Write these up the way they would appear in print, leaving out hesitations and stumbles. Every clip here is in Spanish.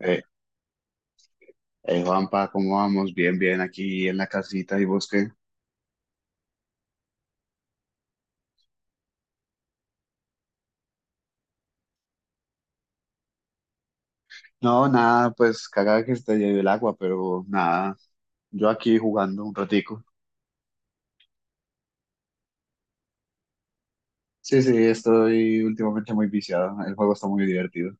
Eh, Juanpa, ¿cómo vamos? Bien, bien, aquí en la casita y busqué. No, nada, pues cagada que se te lleve el agua, pero nada, yo aquí jugando un ratico. Sí, sí, estoy últimamente muy viciado, el juego está muy divertido.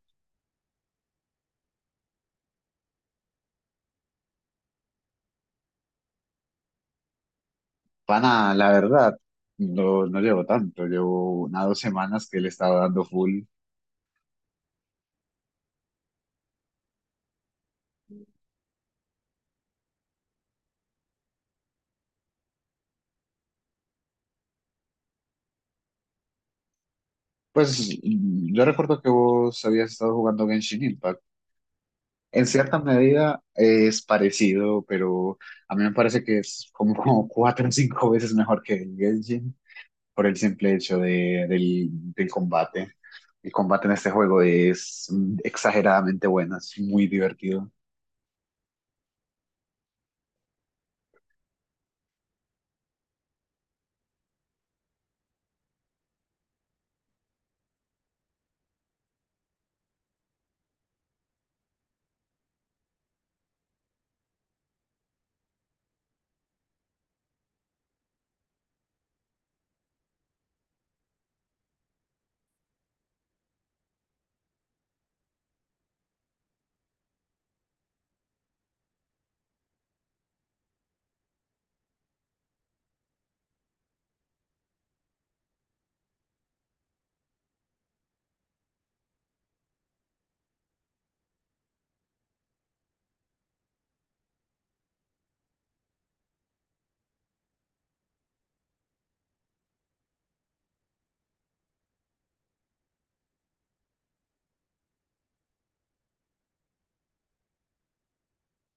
Pana, la verdad, no llevo tanto, llevo unas 2 semanas que le estaba dando full. Pues yo recuerdo que vos habías estado jugando Genshin Impact. En cierta medida es parecido, pero a mí me parece que es como, como cuatro o cinco veces mejor que el Genshin por el simple hecho del combate. El combate en este juego es exageradamente bueno, es muy divertido.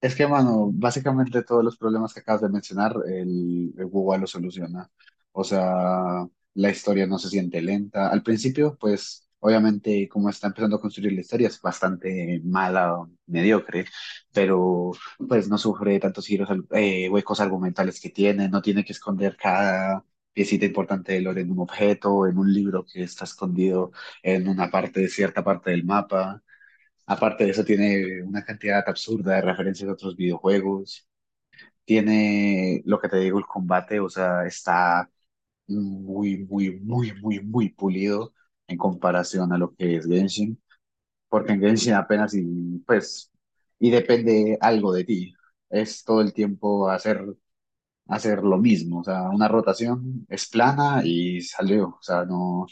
Es que, mano, básicamente todos los problemas que acabas de mencionar, el Google lo soluciona. O sea, la historia no se siente lenta. Al principio, pues, obviamente, como está empezando a construir la historia, es bastante mala, mediocre, pero pues no sufre tantos giros, huecos argumentales que tiene, no tiene que esconder cada piecita importante del lore en un objeto, en un libro que está escondido en una parte, cierta parte del mapa. Aparte de eso, tiene una cantidad absurda de referencias a otros videojuegos. Tiene lo que te digo, el combate, o sea, está muy, muy, muy, muy, muy pulido en comparación a lo que es Genshin, porque en Genshin apenas y pues, y depende algo de ti. Es todo el tiempo hacer lo mismo, o sea, una rotación es plana y salió, o sea, no,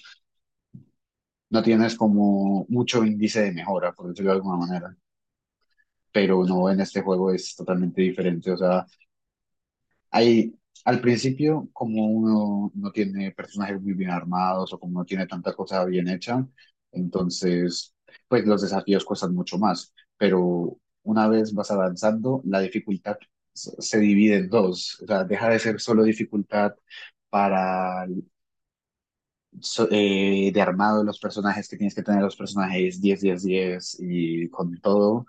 no tienes como mucho índice de mejora, por decirlo de alguna manera. Pero no, en este juego es totalmente diferente. O sea, hay, al principio, como uno no tiene personajes muy bien armados o como no tiene tanta cosa bien hecha, entonces, pues los desafíos cuestan mucho más, pero una vez vas avanzando, la dificultad se divide en dos, o sea, deja de ser solo dificultad para el de armado de los personajes, que tienes que tener los personajes 10 10 10 y con todo,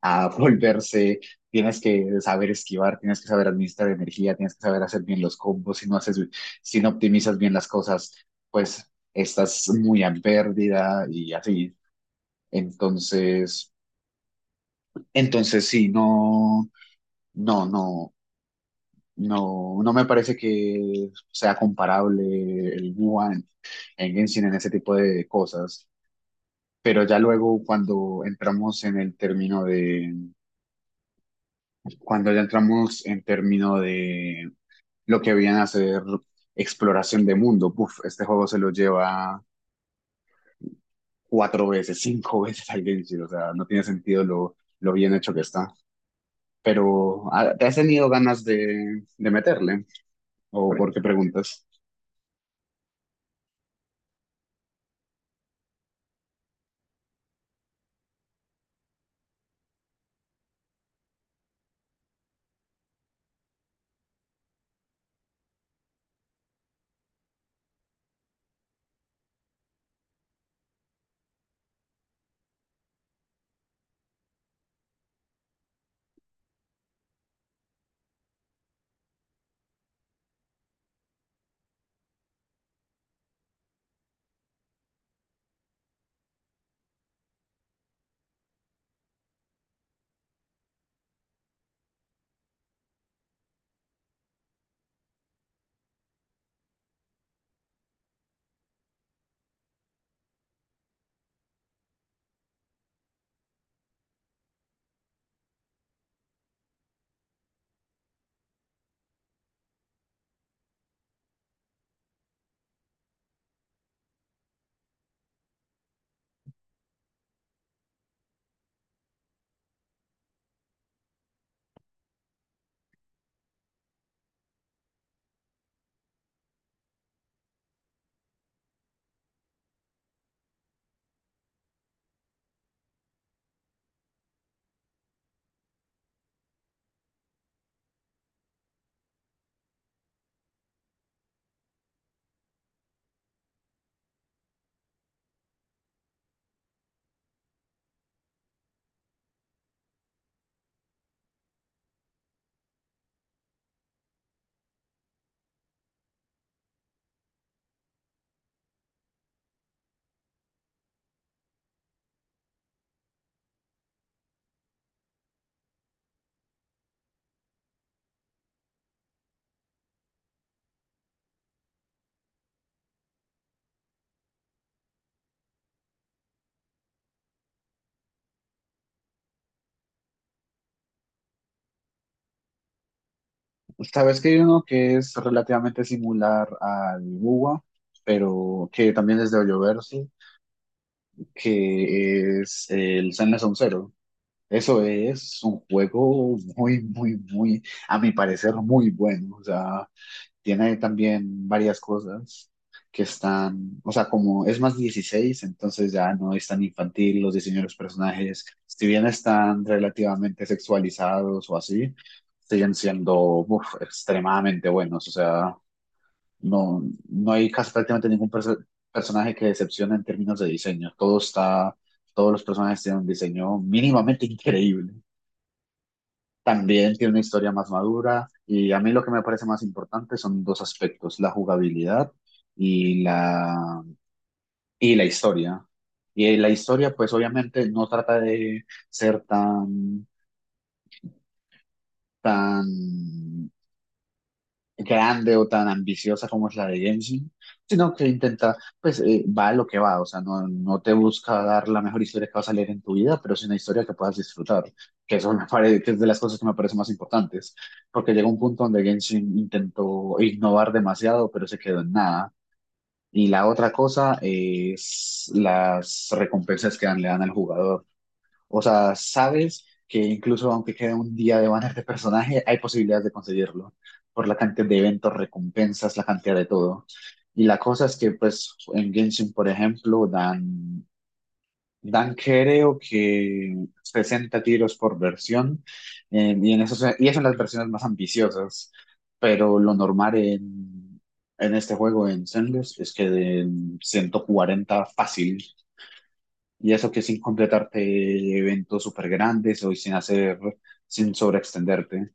a volverse, tienes que saber esquivar, tienes que saber administrar energía, tienes que saber hacer bien los combos, si no haces, si no optimizas bien las cosas, pues estás muy a pérdida y así. Entonces, entonces sí, no, no, no me parece que sea comparable el Wuhan en Genshin en ese tipo de cosas. Pero ya luego cuando entramos en el término cuando ya entramos en término de lo que habían hacer exploración de mundo. Uf, este juego se lo lleva cuatro veces, cinco veces al Genshin, o sea, no tiene sentido lo bien hecho que está. Pero, ¿te has tenido ganas de meterle? ¿O por qué preguntas? Sabes que hay uno que es relativamente similar al Buwa, pero que también es de Hoyoverse, que es el Zenless on Zero. Eso es un juego muy, muy, muy, a mi parecer, muy bueno. O sea, tiene también varias cosas que están, o sea, como es más 16, entonces ya no es tan infantil los diseños de los personajes. Si bien están relativamente sexualizados o así, siguen siendo uf, extremadamente buenos. O sea, no, no hay casi prácticamente ningún personaje que decepcione en términos de diseño. Todo está, todos los personajes tienen un diseño mínimamente increíble. También tiene una historia más madura y a mí lo que me parece más importante son dos aspectos, la jugabilidad y la, y la historia. Y la historia, pues obviamente no trata de ser tan, tan grande o tan ambiciosa como es la de Genshin, sino que intenta, pues va a lo que va, o sea, no, no te busca dar la mejor historia que vas a leer en tu vida, pero es una historia que puedas disfrutar, que eso me parece, que es de las cosas que me parecen más importantes, porque llegó un punto donde Genshin intentó innovar demasiado, pero se quedó en nada. Y la otra cosa es las recompensas que le dan al jugador. O sea, sabes que incluso aunque quede un día de banner de personaje, hay posibilidades de conseguirlo por la cantidad de eventos, recompensas, la cantidad de todo. Y la cosa es que, pues, en Genshin, por ejemplo, dan creo que 60 tiros por versión, en esos, y eso en las versiones más ambiciosas, pero lo normal en este juego, en Zenless, es que den 140 fácil. Y eso que sin completarte eventos súper grandes o sin hacer, sin sobreextenderte.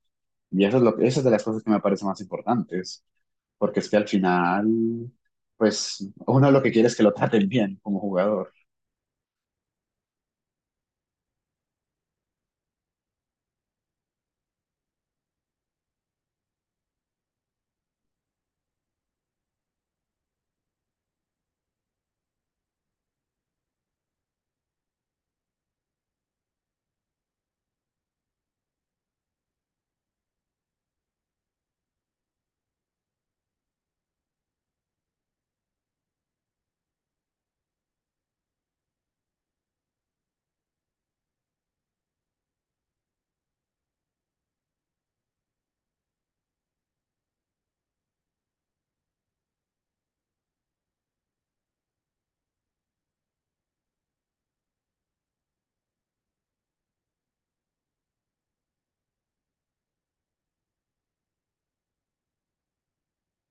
Y eso es lo, eso es de las cosas que me parecen más importantes, porque es que al final, pues uno lo que quiere es que lo traten bien como jugador.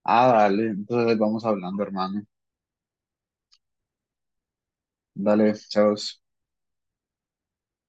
Ah, dale, entonces vamos hablando, hermano. Dale, chao.